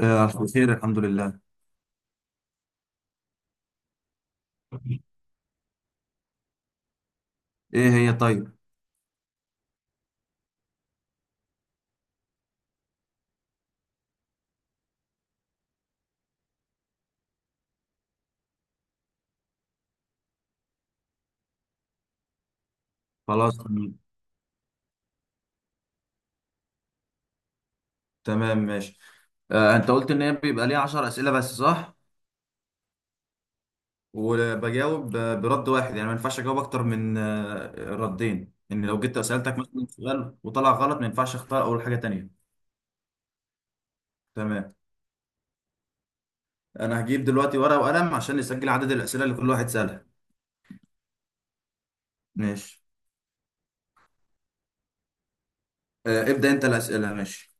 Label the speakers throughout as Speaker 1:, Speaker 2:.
Speaker 1: آه، ألف خير، الحمد لله. إيه هي؟ طيب. خلاص، تمام، ماشي. أنت قلت إن هي بيبقى ليها 10 أسئلة بس، صح؟ وبجاوب برد واحد، يعني ما ينفعش أجاوب أكتر من ردين. إن لو جيت سألتك مثلا سؤال وطلع غلط، ما ينفعش أختار أول حاجة تانية. تمام. أنا هجيب دلوقتي ورقة وقلم عشان نسجل عدد الأسئلة اللي كل واحد سألها. ماشي. ابدأ أنت الأسئلة. ماشي،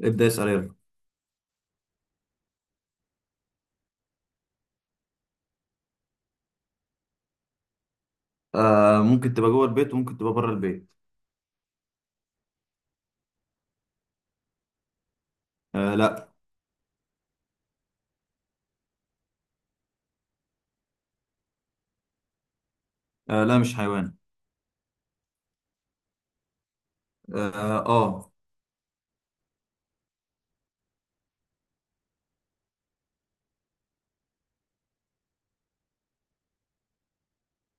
Speaker 1: ابدأ اسأل يلا. ممكن تبقى جوه البيت وممكن تبقى بره البيت. لا. لا، مش حيوان. اه، آه.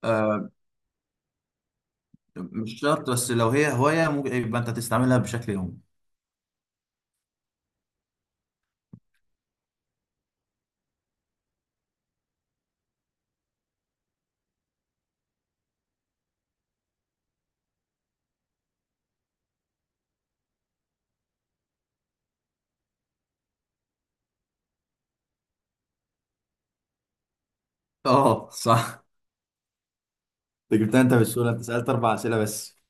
Speaker 1: آه. مش شرط، بس لو هي هواية ممكن يبقى انت تستعملها بشكل يومي. اه، صح. انت جبتها! انت بالسهولة، انت سألت 4 اسئلة بس.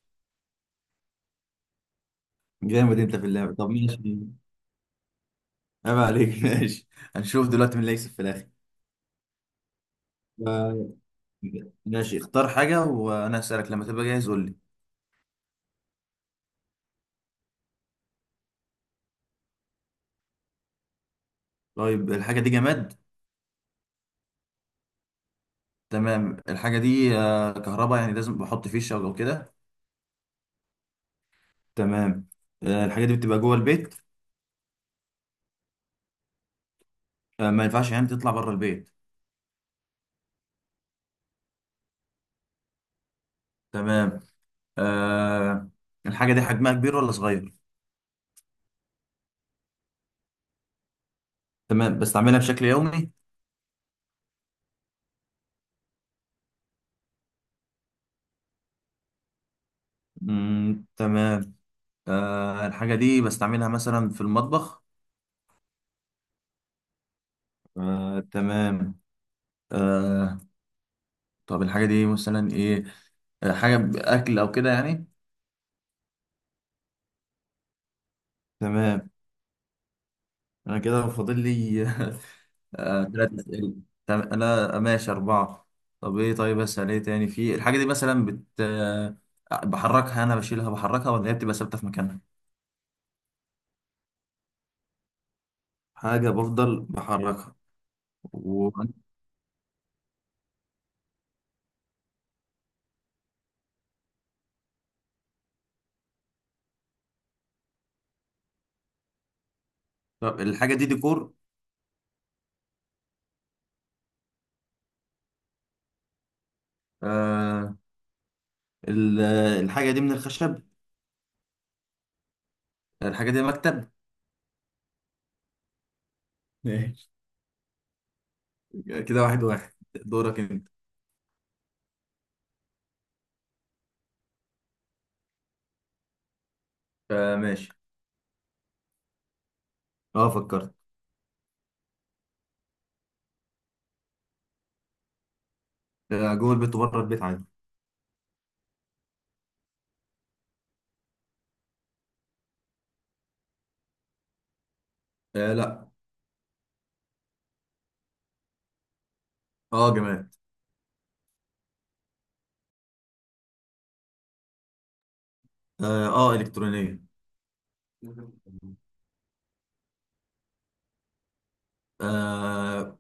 Speaker 1: جامد انت في اللعبة. طب ماشي. عيب عليك. ماشي. هنشوف دلوقتي مين اللي هيكسب في الاخر. آه، ماشي. اختار حاجة وانا هسألك، لما تبقى جاهز قول لي. طيب، الحاجة دي جماد؟ تمام. الحاجة دي كهرباء يعني، لازم بحط فيشة او كده؟ تمام. الحاجة دي بتبقى جوه البيت؟ ما ينفعش يعني تطلع بره البيت؟ تمام. آه، الحاجة دي حجمها كبير ولا صغير؟ تمام. بستعملها بشكل يومي؟ مم. تمام. الحاجة دي بستعملها مثلا في المطبخ؟ تمام. آه طب الحاجة دي مثلا ايه؟ حاجة بأكل أو كده يعني؟ تمام. أنا كده فاضل لي. 3 أسئلة. أنا ماشي 4. طب إيه؟ طيب أسأل إيه تاني في الحاجة دي؟ مثلا بت آه، بحركها؟ أنا بشيلها بحركها ولا هي بتبقى ثابتة في مكانها؟ حاجة بفضل بحركها. و... طب الحاجة دي ديكور؟ آه ال- الحاجة دي من الخشب؟ الحاجة دي مكتب؟ ماشي. كده واحد واحد. دورك انت. ماشي. اه، فكرت. جوه البيت وبره البيت عادي. لا. اه، جماد. اه، إلكترونية. آه.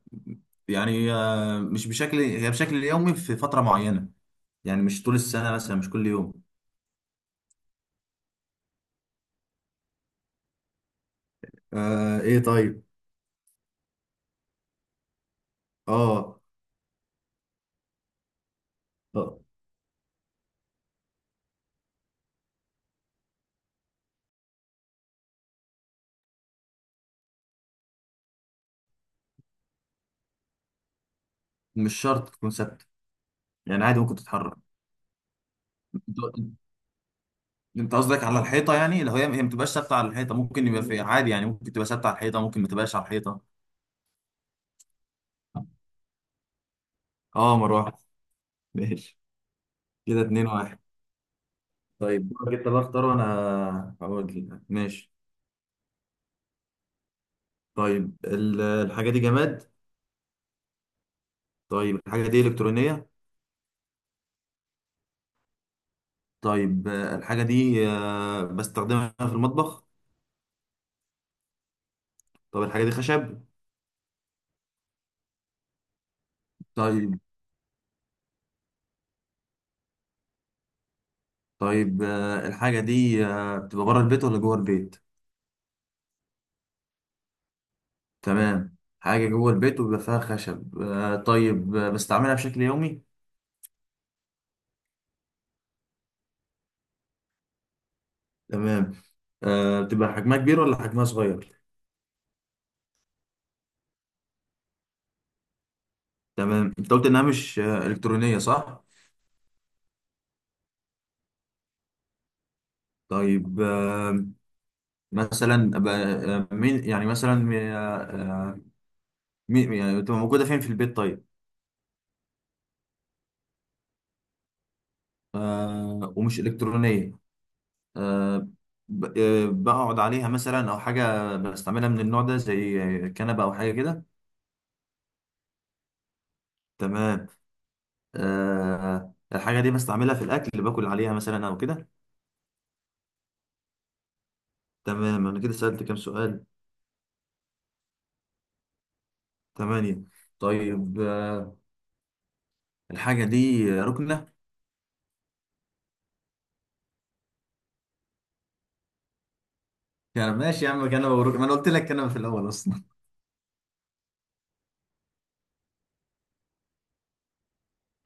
Speaker 1: يعني مش بشكل، هي بشكل يومي في فترة معينة. يعني مش طول السنة مثلا، مش كل يوم. ايه طيب. اه. آه، مش شرط تكون ثابتة. يعني عادي، ممكن تتحرك. انت قصدك على الحيطه يعني؟ لو هي ما بتبقاش ثابته على الحيطه، ممكن يبقى في عادي. يعني ممكن تبقى ثابته على الحيطه، ممكن ما تبقاش على الحيطه. اه، مروح. ماشي. كده 2-1. طيب دورك انت بقى، اختار وانا هقول لك. ماشي. طيب، الحاجه دي جماد؟ طيب، الحاجه دي الكترونيه؟ طيب، الحاجه دي بستخدمها في المطبخ؟ طب الحاجه دي خشب؟ طيب. طيب، الحاجه دي بتبقى بره البيت ولا جوه البيت؟ تمام، حاجه جوه البيت وبيبقى فيها خشب. طيب، بستعملها بشكل يومي؟ تمام. بتبقى حجمها كبير ولا حجمها صغير؟ تمام. انت قلت انها مش الكترونيه، صح؟ طيب. مثلا مين يعني مثلا مين يعني بتبقى موجوده فين في البيت؟ طيب. ومش الكترونيه؟ آه، بقعد عليها مثلا او حاجه بستعملها من النوع ده، زي كنبه او حاجه كده؟ تمام. الحاجه دي بستعملها في الاكل، اللي باكل عليها مثلا او كده؟ تمام. انا كده سالت كام سؤال؟ 8. طيب، الحاجة دي ركنة؟ يعني ماشي يا عم، كنبة وركنة، ما انا قلت لك كنبة في الأول أصلا.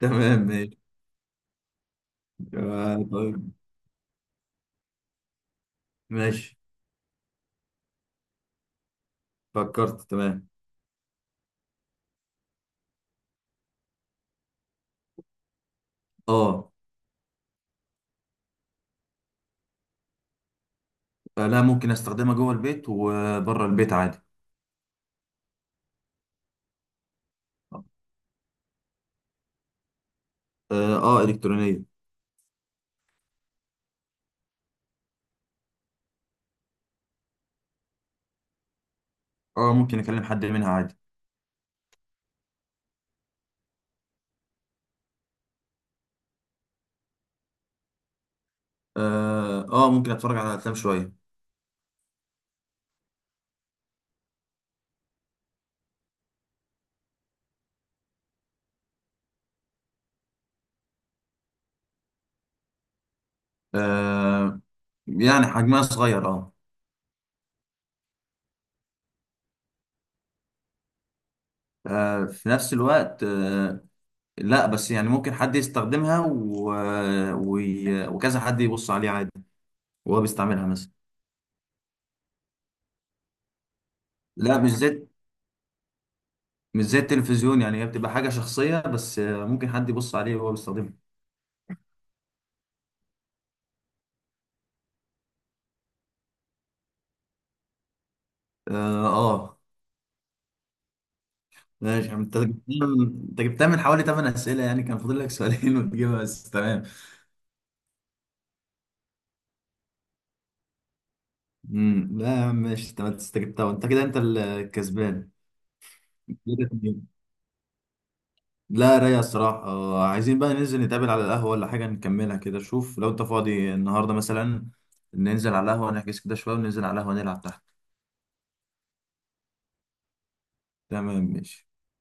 Speaker 1: تمام، ماشي. طيب. ماشي. فكرت. تمام. اه. لا، ممكن استخدمها جوه البيت وبره البيت عادي. اه، إلكترونية. اه، ممكن اكلم حد منها عادي. اه، ممكن اتفرج على افلام شوية. آه. يعني حجمها صغير، اه. في نفس الوقت، آه. لا بس يعني ممكن حد يستخدمها و... وكذا حد يبص عليه عادي، وهو بيستعملها مثلا. لا، مش زي التلفزيون يعني، هي بتبقى حاجة شخصية. بس ممكن حد يبص عليه وهو بيستخدمها. اه. آه. ماشي، يعني انت جبتها. انت جبتها من حوالي 8 اسئله، يعني كان فاضل لك سؤالين. وتجيبها، بس تمام. لا يا عم، ماشي. انت جبتها، وانت كده انت الكسبان. كده اتنين. لا، رايق الصراحه. عايزين بقى ننزل نتقابل على القهوه ولا حاجه نكملها كده. شوف لو انت فاضي النهارده مثلا، ننزل على القهوه، نحجز كده شويه وننزل على القهوه نلعب تحت. تمام، ماشي.